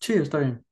Sí, está bien.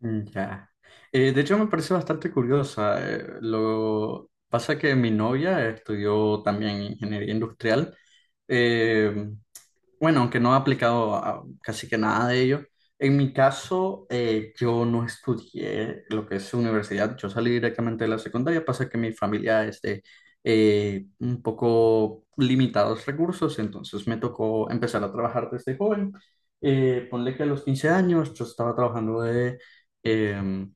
Mm, ya. De hecho, me parece bastante curiosa. Lo pasa que mi novia estudió también ingeniería industrial. eh, Bueno, aunque no he aplicado casi que nada de ello, en mi caso yo no estudié lo que es universidad. Yo salí directamente de la secundaria, pasa que mi familia es de un poco limitados recursos, entonces me tocó empezar a trabajar desde joven. Ponle que a los 15 años yo estaba trabajando em,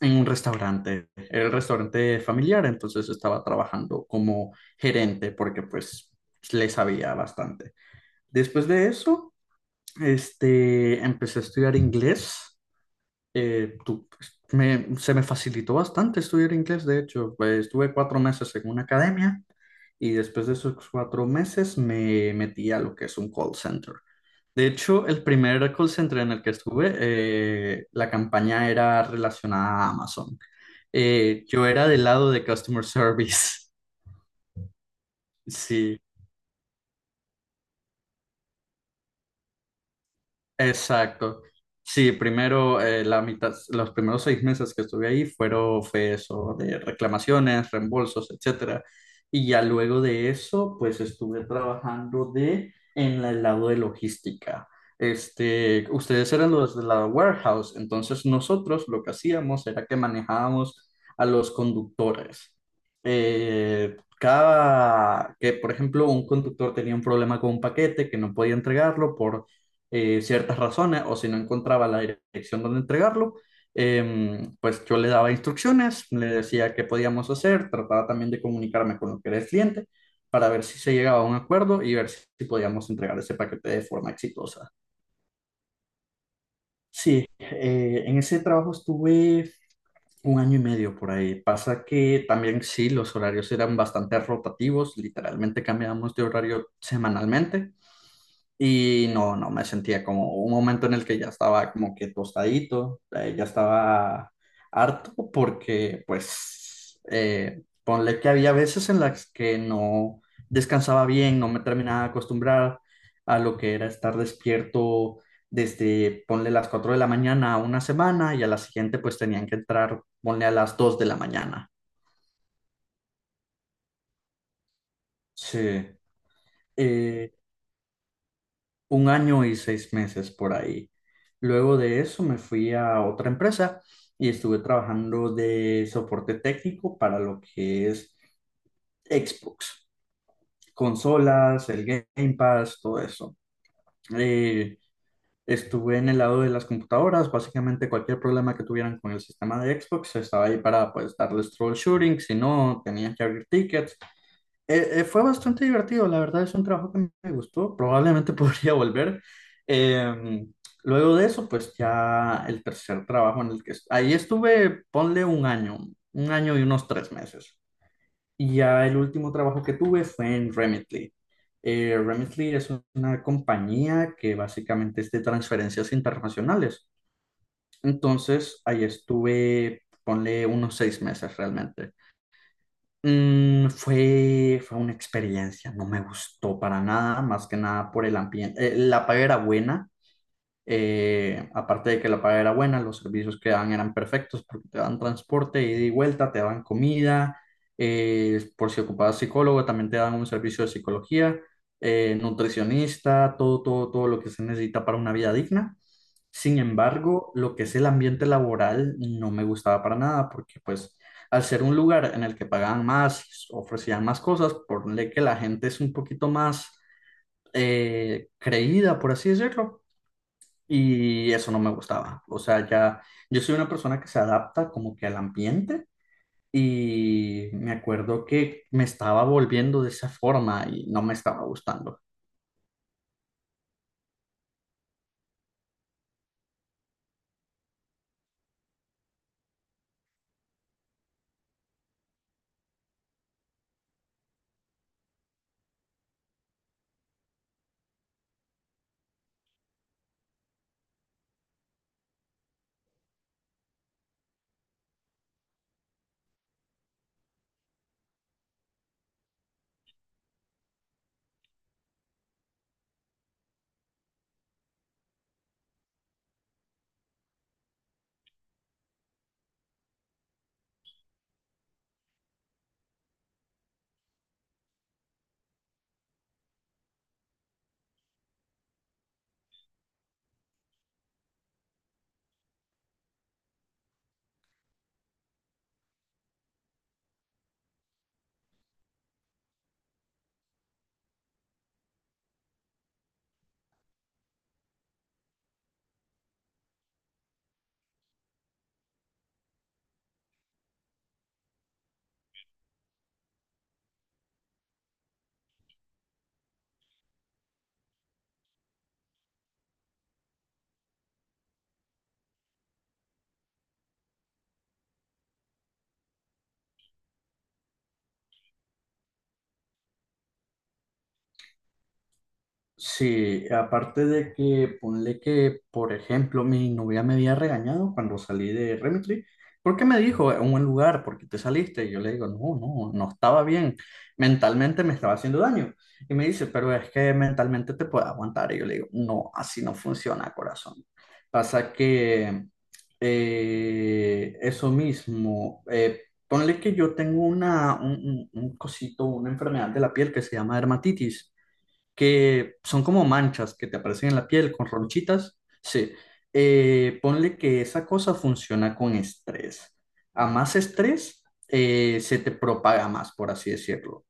en un restaurante. Era el restaurante familiar, entonces estaba trabajando como gerente porque pues le sabía bastante. Después de eso, este, empecé a estudiar inglés. Eh, tu- Se me facilitó bastante estudiar inglés. De hecho, pues, estuve 4 meses en una academia y después de esos 4 meses me metí a lo que es un call center. De hecho, el primer call center en el que estuve, la campaña era relacionada a Amazon. Yo era del lado de customer service. Sí. Exacto. Sí, primero, la mitad, los primeros 6 meses que estuve ahí fueron, fue eso de reclamaciones, reembolsos, etcétera. Y ya luego de eso, pues estuve trabajando en el lado de logística. Este, ustedes eran los de la warehouse, entonces nosotros lo que hacíamos era que manejábamos a los conductores. Cada que, por ejemplo, un conductor tenía un problema con un paquete que no podía entregarlo ciertas razones, o si no encontraba la dirección donde entregarlo, pues yo le daba instrucciones, le decía qué podíamos hacer, trataba también de comunicarme con lo que era el cliente para ver si se llegaba a un acuerdo y ver si podíamos entregar ese paquete de forma exitosa. Sí, en ese trabajo estuve un año y medio por ahí. Pasa que también sí, los horarios eran bastante rotativos, literalmente cambiábamos de horario semanalmente. Y no, no me sentía como un momento en el que ya estaba como que tostadito. Ya estaba harto porque pues ponle que había veces en las que no descansaba bien, no me terminaba de acostumbrar a lo que era estar despierto desde ponle las 4 de la mañana a una semana, y a la siguiente pues tenían que entrar ponle a las 2 de la mañana. Sí. Eh, un año y 6 meses por ahí. Luego de eso me fui a otra empresa y estuve trabajando de soporte técnico para lo que es Xbox, consolas, el Game Pass, todo eso. Eh, Estuve en el lado de las computadoras. Básicamente cualquier problema que tuvieran con el sistema de Xbox, estaba ahí para pues darles troubleshooting, si no, tenía que abrir tickets. Fue bastante divertido, la verdad. Es un trabajo que me gustó, probablemente podría volver. Eh, Luego de eso, pues ya el tercer trabajo en el que ahí estuve, ponle un año y unos 3 meses. Y ya el último trabajo que tuve fue en Remitly. Remitly es una compañía que básicamente es de transferencias internacionales. Entonces, ahí estuve, ponle unos 6 meses realmente. Fue una experiencia, no me gustó para nada, más que nada por el ambiente. La paga era buena, aparte de que la paga era buena, los servicios que daban eran perfectos porque te dan transporte, ida y vuelta, te dan comida, por si ocupabas psicólogo, también te dan un servicio de psicología, nutricionista, todo, todo, todo lo que se necesita para una vida digna. Sin embargo, lo que es el ambiente laboral no me gustaba para nada porque pues al ser un lugar en el que pagaban más, ofrecían más cosas, ponle que la gente es un poquito más creída, por así decirlo, y eso no me gustaba. O sea, ya yo soy una persona que se adapta como que al ambiente, y me acuerdo que me estaba volviendo de esa forma y no me estaba gustando. Sí, aparte de que ponle que, por ejemplo, mi novia me había regañado cuando salí de Remitry, porque me dijo, en un lugar, ¿porque te saliste? Y yo le digo, no, no, no estaba bien, mentalmente me estaba haciendo daño. Y me dice, pero es que mentalmente te puedes aguantar. Y yo le digo, no, así no funciona, corazón. Pasa que eso mismo, ponle que yo tengo un, un cosito, una enfermedad de la piel que se llama dermatitis, que son como manchas que te aparecen en la piel con ronchitas. Sí. Ponle que esa cosa funciona con estrés. A más estrés, se te propaga más, por así decirlo.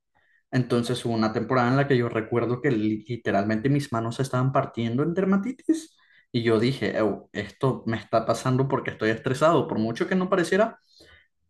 Entonces hubo una temporada en la que yo recuerdo que literalmente mis manos se estaban partiendo en dermatitis, y yo dije: "Ew, esto me está pasando porque estoy estresado, por mucho que no pareciera".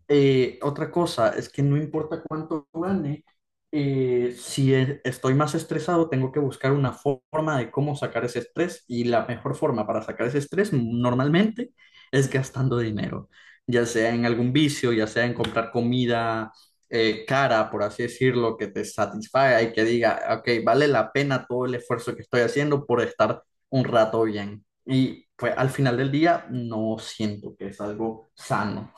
Otra cosa es que no importa cuánto gane. Si estoy más estresado, tengo que buscar una forma de cómo sacar ese estrés, y la mejor forma para sacar ese estrés normalmente es gastando dinero, ya sea en algún vicio, ya sea en comprar comida cara, por así decirlo, que te satisfaga y que diga, ok, vale la pena todo el esfuerzo que estoy haciendo por estar un rato bien. Y pues al final del día no siento que es algo sano.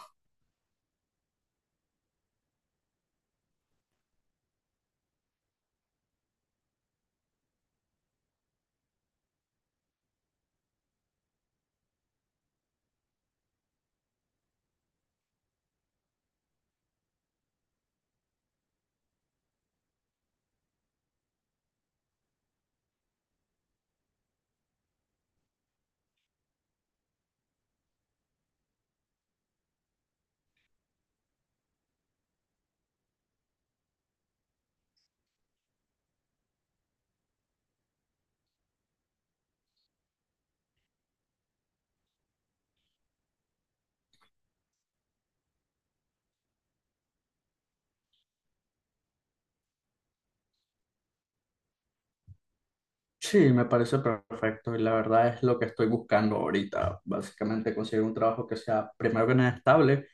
Sí, me parece perfecto y la verdad es lo que estoy buscando ahorita. Básicamente conseguir un trabajo que sea, primero que nada, estable,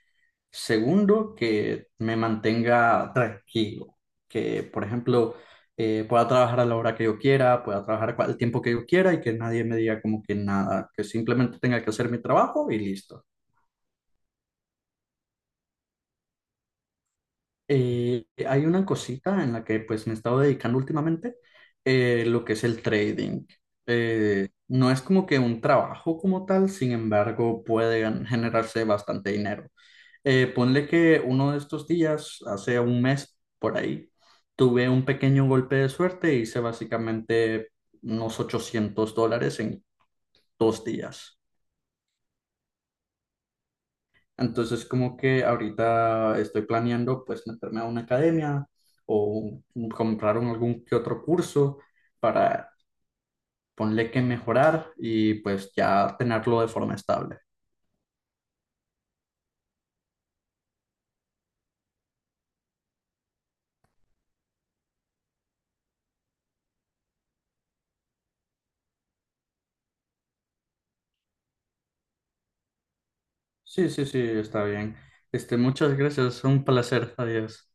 segundo, que me mantenga tranquilo, que, por ejemplo, pueda trabajar a la hora que yo quiera, pueda trabajar el tiempo que yo quiera, y que nadie me diga como que nada, que simplemente tenga que hacer mi trabajo y listo. Hay una cosita en la que pues me he estado dedicando últimamente, lo que es el trading. No es como que un trabajo como tal, sin embargo, pueden generarse bastante dinero. Ponle que uno de estos días, hace un mes por ahí, tuve un pequeño golpe de suerte e hice básicamente unos 800 dólares en 2 días. Entonces, como que ahorita estoy planeando pues meterme a una academia o comprar algún que otro curso para ponerle que mejorar y pues ya tenerlo de forma estable. Sí, sí, sí, está bien. Este, muchas gracias, un placer. Adiós.